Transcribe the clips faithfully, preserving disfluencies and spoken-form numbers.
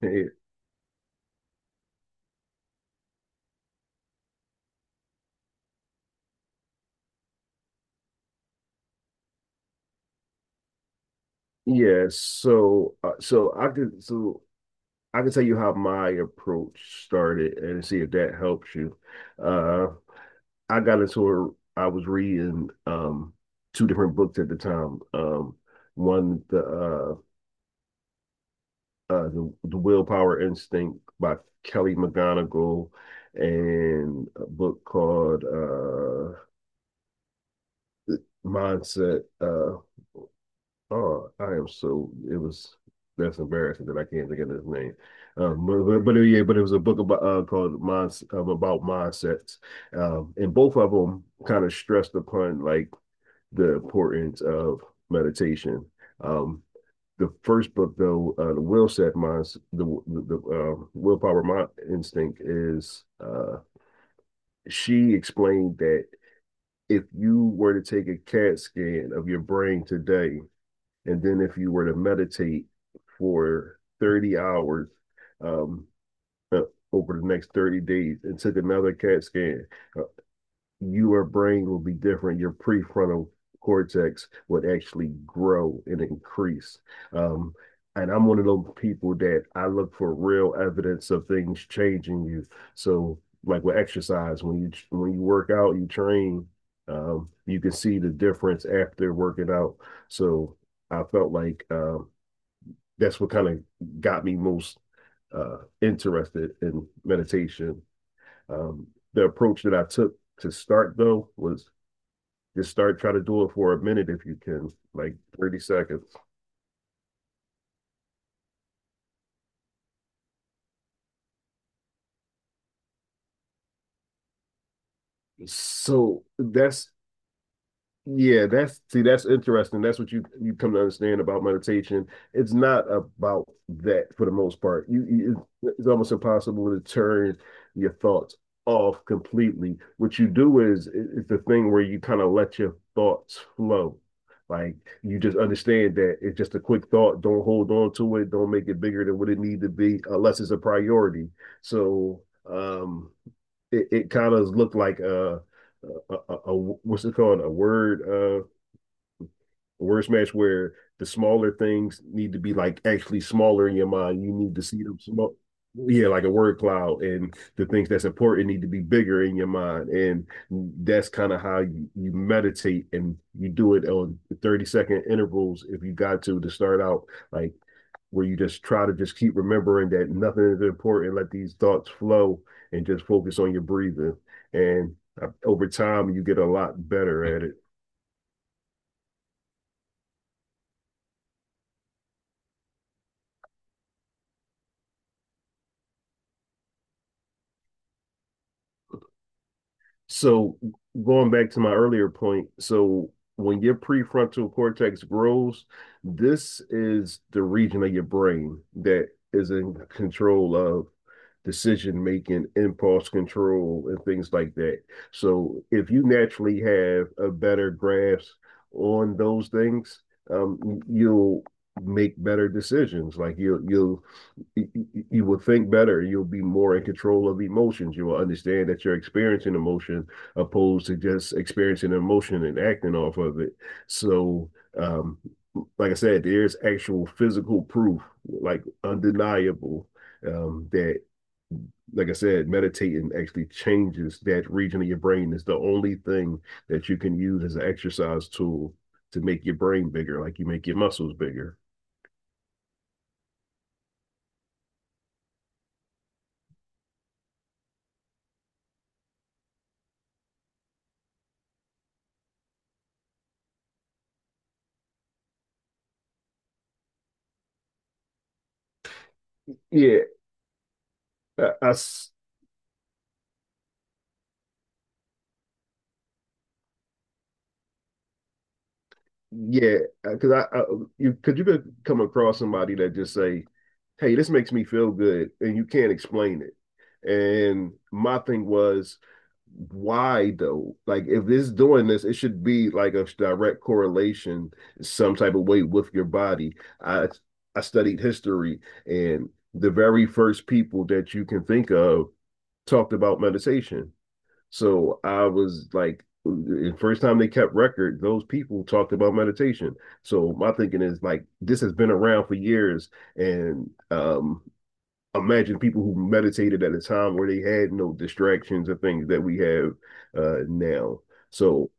Hey. Yeah, so uh, so I could so I can tell you how my approach started and see if that helps you. Uh, I got into a, I was reading um two different books at the time. Um, one the uh, uh the, the Willpower Instinct by Kelly McGonigal, and a book called uh Mindset. uh, Oh, I am so it was that's embarrassing that I can't think of his name. Um, but, but, but yeah, but it was a book about uh, called Minds um, about mindsets, um, and both of them kind of stressed upon like the importance of meditation. Um, the first book though, uh, the Will Set Minds, the the, the uh, Willpower Mind Instinct is uh, she explained that if you were to take a CAT scan of your brain today, and then if you were to meditate for thirty hours, um, uh, over the next thirty days, and took another CAT scan, your brain will be different. Your prefrontal cortex would actually grow and increase. Um, and I'm one of those people that I look for real evidence of things changing you. So, like with exercise, when you when you work out, you train, um, you can see the difference after working out. So, I felt like uh, that's what kind of got me most uh, interested in meditation. Um, the approach that I took to start though was just start, try to do it for a minute if you can, like thirty seconds. Yes. So that's Yeah, that's see, that's interesting. That's what you you come to understand about meditation. It's not about that for the most part. You, you it's it's almost impossible to turn your thoughts off completely. What you do is it- it's the thing where you kind of let your thoughts flow. Like, you just understand that it's just a quick thought. Don't hold on to it. Don't make it bigger than what it need to be, unless it's a priority. So, um, it, it kind of looked like a, a, a, a what's it called, a word uh the worst match, where the smaller things need to be like actually smaller in your mind. You need to see them small. Yeah, like a word cloud, and the things that's important need to be bigger in your mind, and that's kind of how you, you meditate, and you do it on thirty second intervals if you got to to start out, like, where you just try to just keep remembering that nothing is important. Let these thoughts flow, and just focus on your breathing, and uh, over time you get a lot better at it. So, going back to my earlier point, so when your prefrontal cortex grows, this is the region of your brain that is in control of decision making, impulse control, and things like that. So if you naturally have a better grasp on those things, um, you'll make better decisions. Like, you'll you'll you will think better. You'll be more in control of emotions. You will understand that you're experiencing emotion opposed to just experiencing emotion and acting off of it. So, um, like I said, there's actual physical proof, like undeniable, um, that, like I said, meditating actually changes that region of your brain. It's the only thing that you can use as an exercise tool to make your brain bigger, like you make your muscles bigger. Yeah. I. I Yeah, because I, I you because you could come across somebody that just say, "Hey, this makes me feel good," and you can't explain it. And my thing was, why though? Like, if it's doing this, it should be like a direct correlation, some type of way with your body. I I studied history, and the very first people that you can think of talked about meditation. So I was like, the first time they kept record, those people talked about meditation. So my thinking is like, this has been around for years, and um, imagine people who meditated at a time where they had no distractions or things that we have uh, now. So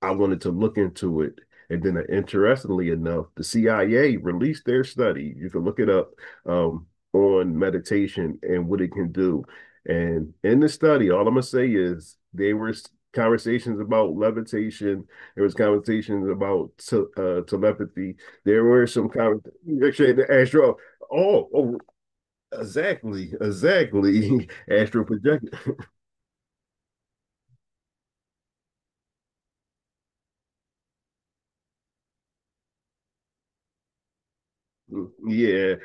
I wanted to look into it. And then, uh, interestingly enough, the C I A released their study. You can look it up, um, on meditation and what it can do. And in the study, all I'm gonna say is there were conversations about levitation. There was conversations about te- uh, telepathy. There were some conversations, actually, astro. Oh, oh, exactly, exactly. Astral projector. Yeah.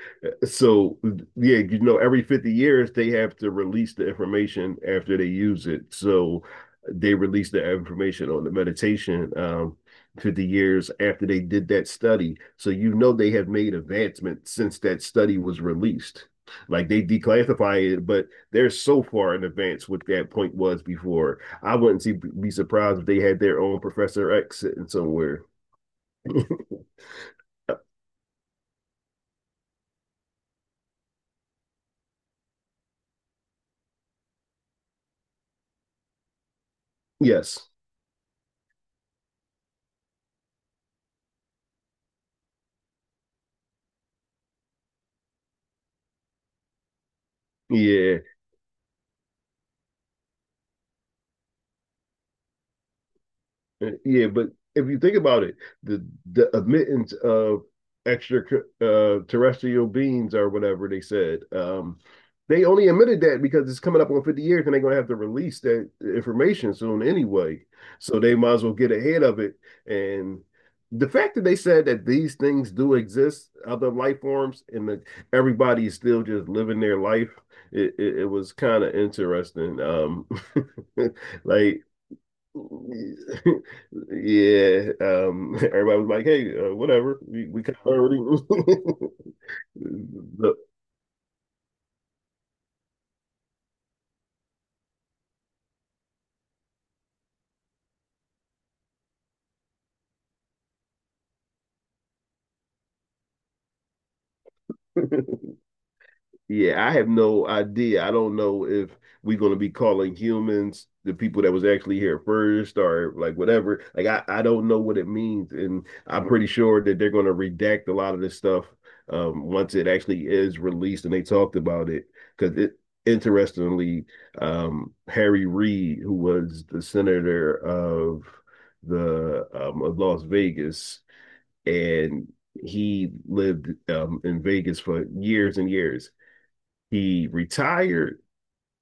So, yeah, you know, every fifty years they have to release the information after they use it. So they release the information on the meditation um fifty years after they did that study. So you know they have made advancement since that study was released. Like, they declassify it, but they're so far in advance what that point was before. I wouldn't see, be surprised if they had their own Professor X sitting somewhere. Yes. Yeah. Uh, Yeah. But if you think about it, the the admittance of extra uh, terrestrial beings or whatever they said, um, they only admitted that because it's coming up on fifty years and they're going to have to release that information soon anyway. So they might as well get ahead of it. And the fact that they said that these things do exist, other life forms, and that everybody is still just living their life, it, it, it was kind of interesting. Um, like, yeah, um, everybody was like, "Hey, uh, whatever, we we kind of already." The- Yeah, I have no idea. I don't know if we're going to be calling humans the people that was actually here first or like whatever. Like I, I don't know what it means, and I'm pretty sure that they're going to redact a lot of this stuff, um, once it actually is released and they talked about it. Because it, interestingly, um, Harry Reid, who was the senator of the um, of Las Vegas, and he lived, um, in Vegas for years and years. He retired.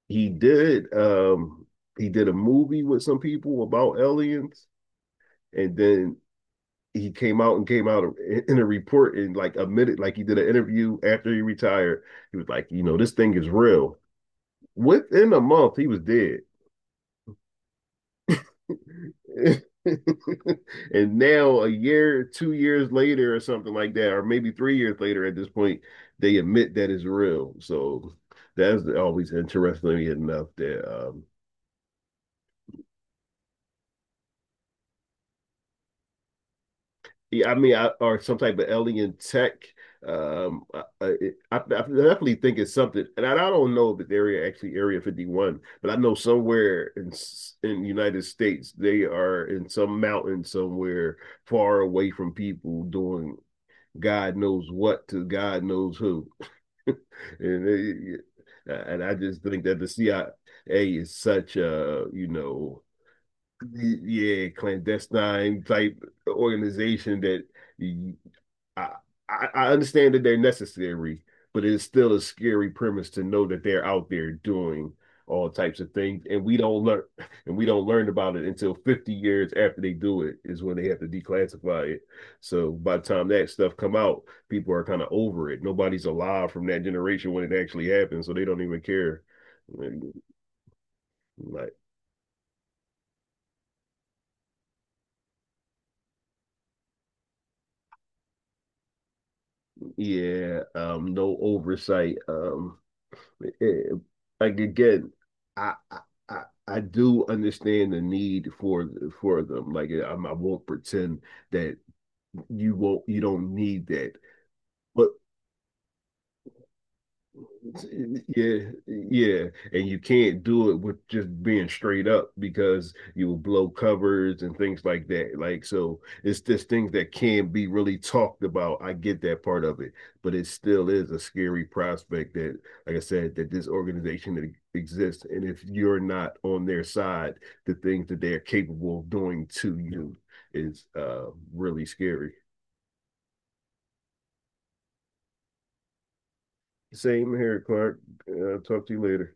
He did um he did a movie with some people about aliens, and then he came out and came out in a report and like admitted, like, he did an interview after he retired. He was like, "You know, this thing is real." Within a month, he was dead. And now a year, two years later, or something like that, or maybe three years later at this point, they admit that it's real. So that's always interesting enough that, um, yeah, I mean, I, or some type of alien tech. Um, I, I, I definitely think it's something, and I, I don't know if it's area actually Area Fifty One, but I know somewhere in s- in United States they are in some mountain somewhere far away from people doing God knows what to God knows who, and it, and I just think that the C I A is such a, you know, yeah, clandestine type organization that I, I, I understand that they're necessary, but it is still a scary premise to know that they're out there doing all types of things, and we don't learn, and we don't learn about it until fifty years after they do it is when they have to declassify it. So by the time that stuff come out, people are kind of over it. Nobody's alive from that generation when it actually happens, so they don't even care. Like, yeah, um, no oversight. Um, eh, like, again, I, I I do understand the need for for them. Like, I'm, I i will not pretend that you won't you don't need that. But yeah, yeah, and you can't do it with just being straight up because you will blow covers and things like that. Like, so it's just things that can not be really talked about. I get that part of it, but it still is a scary prospect that, like I said, that this organization that exists, and if you're not on their side, the things that they are capable of doing to you is uh really scary. Same here, Clark. Uh, talk to you later.